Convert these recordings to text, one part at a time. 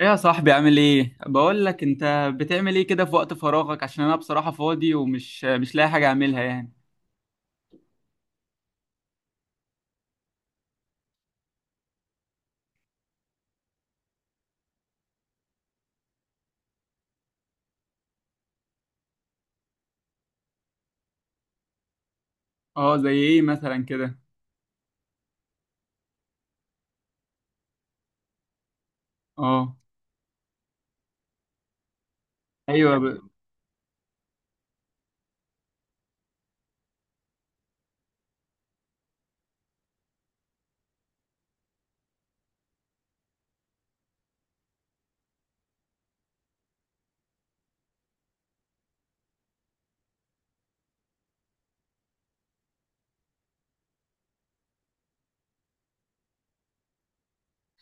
ايه يا صاحبي، عامل ايه؟ بقول لك، انت بتعمل ايه كده في وقت فراغك؟ عشان انا بصراحة فاضي ومش مش لاقي حاجة اعملها يعني. اه، زي ايه مثلا كده؟ اه، ايوه،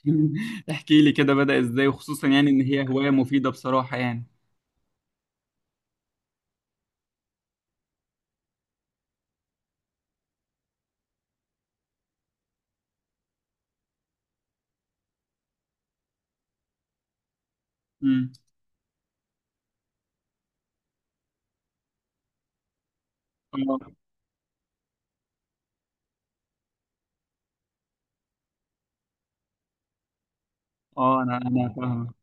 احكي لي كده، بدأ ازاي؟ وخصوصا يعني ان هي هواية مفيدة بصراحة يعني. امم. اه، اه، انا فاهم.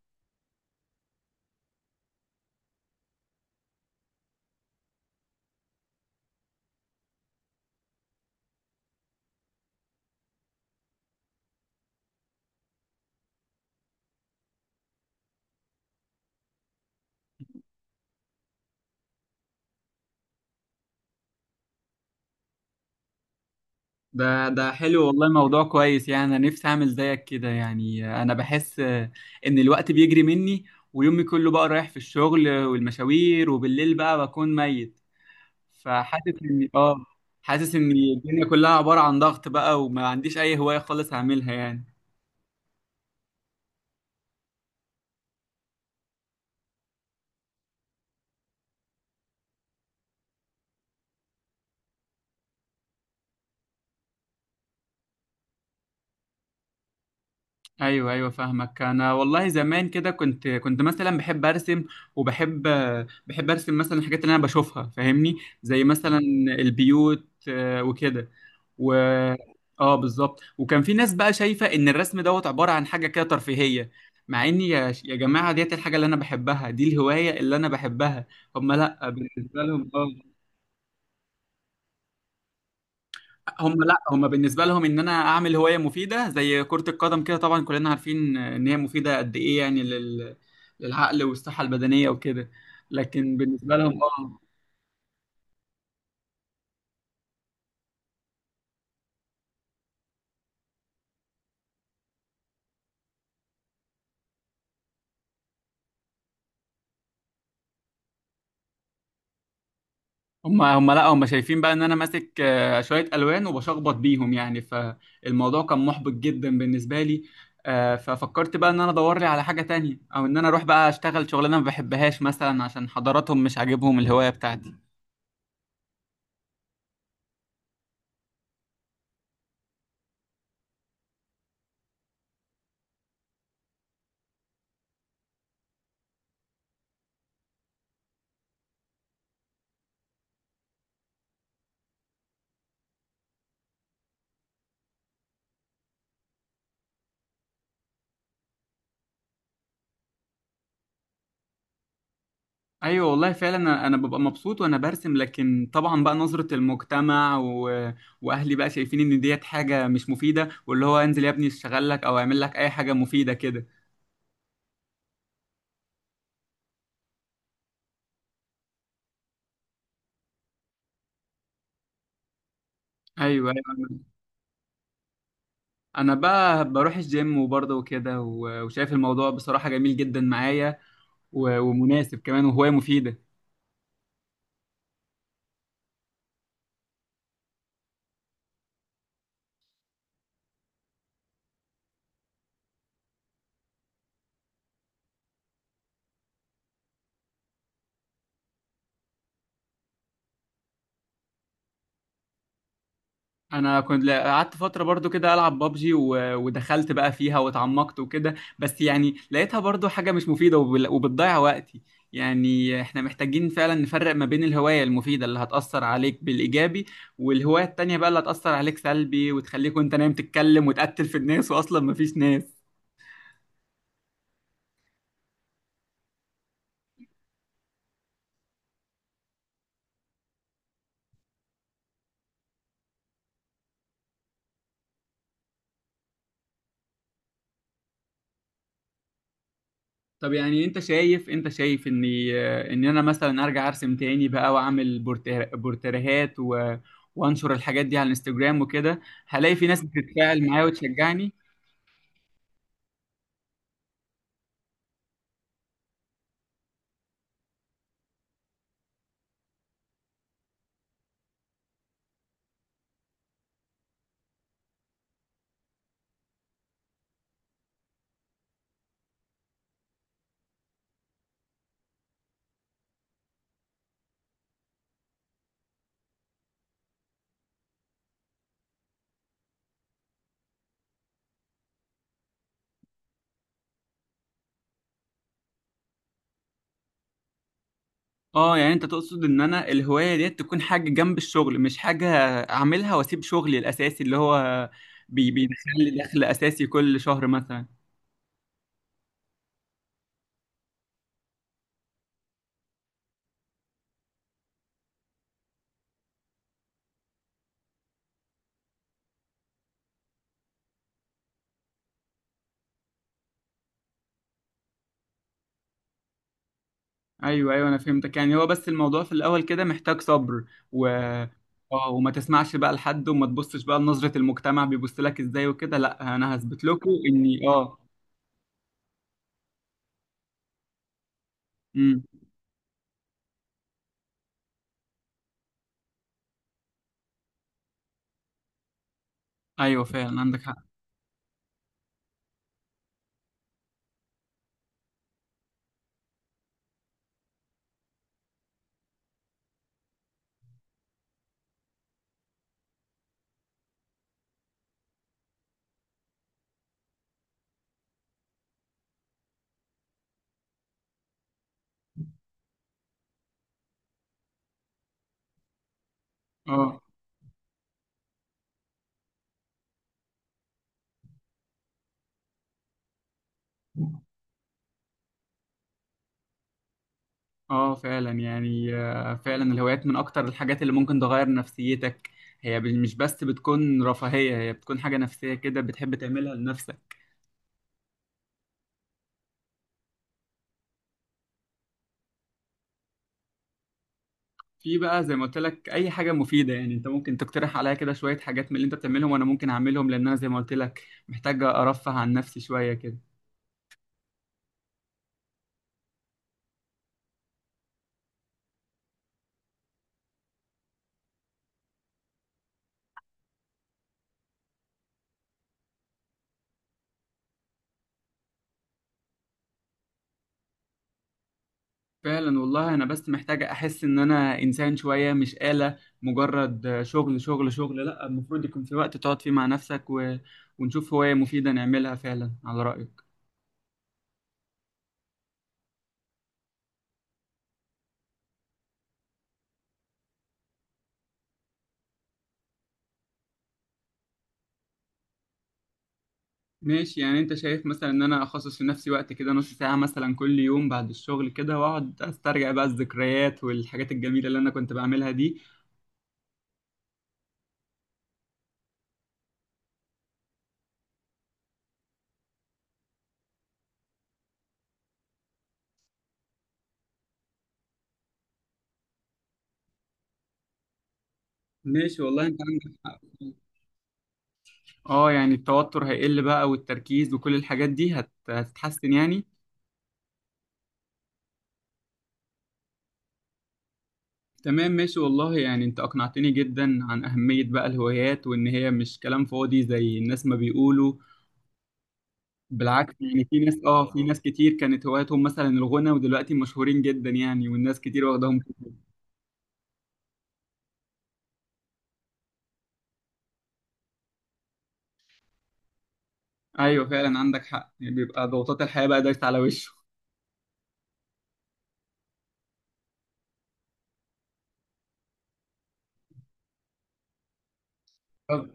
ده حلو والله، موضوع كويس، يعني انا نفسي اعمل زيك كده. يعني انا بحس ان الوقت بيجري مني، ويومي كله بقى رايح في الشغل والمشاوير، وبالليل بقى بكون ميت. فحاسس ان اه حاسس ان الدنيا كلها عبارة عن ضغط بقى، وما عنديش اي هواية خالص هعملها يعني. ايوه، ايوه، فاهمك. انا والله زمان كده كنت مثلا بحب ارسم، وبحب، بحب ارسم مثلا الحاجات اللي انا بشوفها، فاهمني؟ زي مثلا البيوت، وكده، و، اه، بالظبط. وكان في ناس بقى شايفة ان الرسم دوت عبارة عن حاجة كده ترفيهية، مع اني، يا جماعة، ديت الحاجة اللي انا بحبها، دي الهواية اللي انا بحبها. هم، لا، بالنسبة لهم اه، هم لا، هم بالنسبه لهم ان انا اعمل هوايه مفيده زي كره القدم كده. طبعا كلنا عارفين ان هي مفيده قد ايه، يعني للعقل والصحه البدنيه وكده. لكن بالنسبه لهم اه، هم لا هم شايفين بقى ان انا ماسك شويه الوان وبشخبط بيهم يعني. فالموضوع كان محبط جدا بالنسبه لي. ففكرت بقى ان انا ادور لي على حاجه تانية، او ان انا اروح بقى اشتغل شغلانه ما بحبهاش مثلا، عشان حضراتهم مش عاجبهم الهوايه بتاعتي. ايوه والله فعلا، انا ببقى مبسوط وانا برسم. لكن طبعا بقى نظرة المجتمع واهلي بقى شايفين ان ديت حاجة مش مفيدة، واللي هو انزل يا ابني اشتغل لك او اعمل لك اي حاجة مفيدة كده. ايوه، ايوه، انا بقى بروح الجيم وبرضه وكده، وشايف الموضوع بصراحة جميل جدا معايا، ومناسب كمان، وهواية مفيدة. انا كنت قعدت فتره برضو كده العب بابجي، ودخلت بقى فيها واتعمقت وكده، بس يعني لقيتها برضو حاجه مش مفيده، وبتضيع وقتي. يعني احنا محتاجين فعلا نفرق ما بين الهوايه المفيده اللي هتاثر عليك بالايجابي، والهوايه التانية بقى اللي هتاثر عليك سلبي، وتخليك وانت نايم تتكلم وتقتل في الناس، واصلا مفيش ناس. طب يعني انت شايف ان انا مثلا ارجع ارسم تاني بقى، واعمل بورتريهات وانشر الحاجات دي على الانستجرام وكده، هلاقي في ناس بتتفاعل معايا وتشجعني؟ اه، يعني انت تقصد ان انا الهواية دي تكون حاجة جنب الشغل، مش حاجة اعملها واسيب شغلي الاساسي اللي هو بيدخل لي دخل اساسي كل شهر مثلا. ايوه، ايوه، انا فهمتك. يعني هو بس الموضوع في الاول كده محتاج صبر، و اه وما تسمعش بقى لحد، وما تبصش بقى لنظرة المجتمع بيبص لك ازاي وكده. لا، انا هثبت لكم اني اه، امم، ايوه فعلا عندك حق. اه، اه، فعلا يعني، فعلا الهوايات من اكتر الحاجات اللي ممكن تغير نفسيتك. هي مش بس بتكون رفاهية، هي بتكون حاجة نفسية كده بتحب تعملها لنفسك. في بقى زي ما قلت لك اي حاجه مفيده، يعني انت ممكن تقترح عليا كده شويه حاجات من اللي انت بتعملهم، وانا ممكن اعملهم، لان انا زي ما قلت لك محتاج ارفه عن نفسي شويه كده. فعلا والله، انا بس محتاجه احس ان انا انسان شويه، مش آلة مجرد شغل شغل شغل. لا، المفروض يكون في وقت تقعد فيه مع نفسك، ونشوف هوايه مفيده نعملها، فعلا على رايك. ماشي، يعني انت شايف مثلا ان انا اخصص لنفسي وقت كده، نص ساعه مثلا كل يوم بعد الشغل كده، واقعد استرجع بقى الذكريات والحاجات الجميله اللي انا كنت بعملها دي؟ ماشي والله، انت عندك حق. اه، يعني التوتر هيقل بقى، والتركيز وكل الحاجات دي هتتحسن يعني. تمام، ماشي والله. يعني انت اقنعتني جدا عن اهمية بقى الهوايات، وان هي مش كلام فاضي زي الناس ما بيقولوا. بالعكس، يعني في ناس، اه، في ناس كتير كانت هواياتهم مثلا الغنى، ودلوقتي مشهورين جدا يعني، والناس كتير واخداهم. ايوه فعلا عندك حق، يعني بيبقى ضغوطات الحياة بقى دايسة على وشه. طب،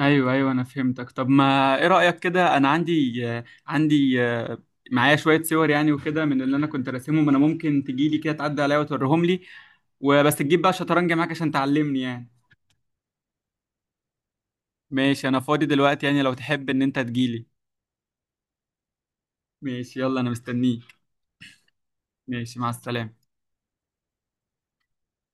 ايوه، ايوه، انا فهمتك. طب ما ايه رأيك كده، انا عندي معايا شوية صور يعني وكده من اللي انا كنت راسمهم، انا ممكن تجيلي كده، تعدي عليا وتوريهم لي، وبس تجيب بقى شطرنج معاك عشان تعلمني يعني؟ ماشي، انا فاضي دلوقتي يعني، لو تحب ان انت تجيلي. ماشي، يلا انا مستنيك. ماشي، مع السلامة.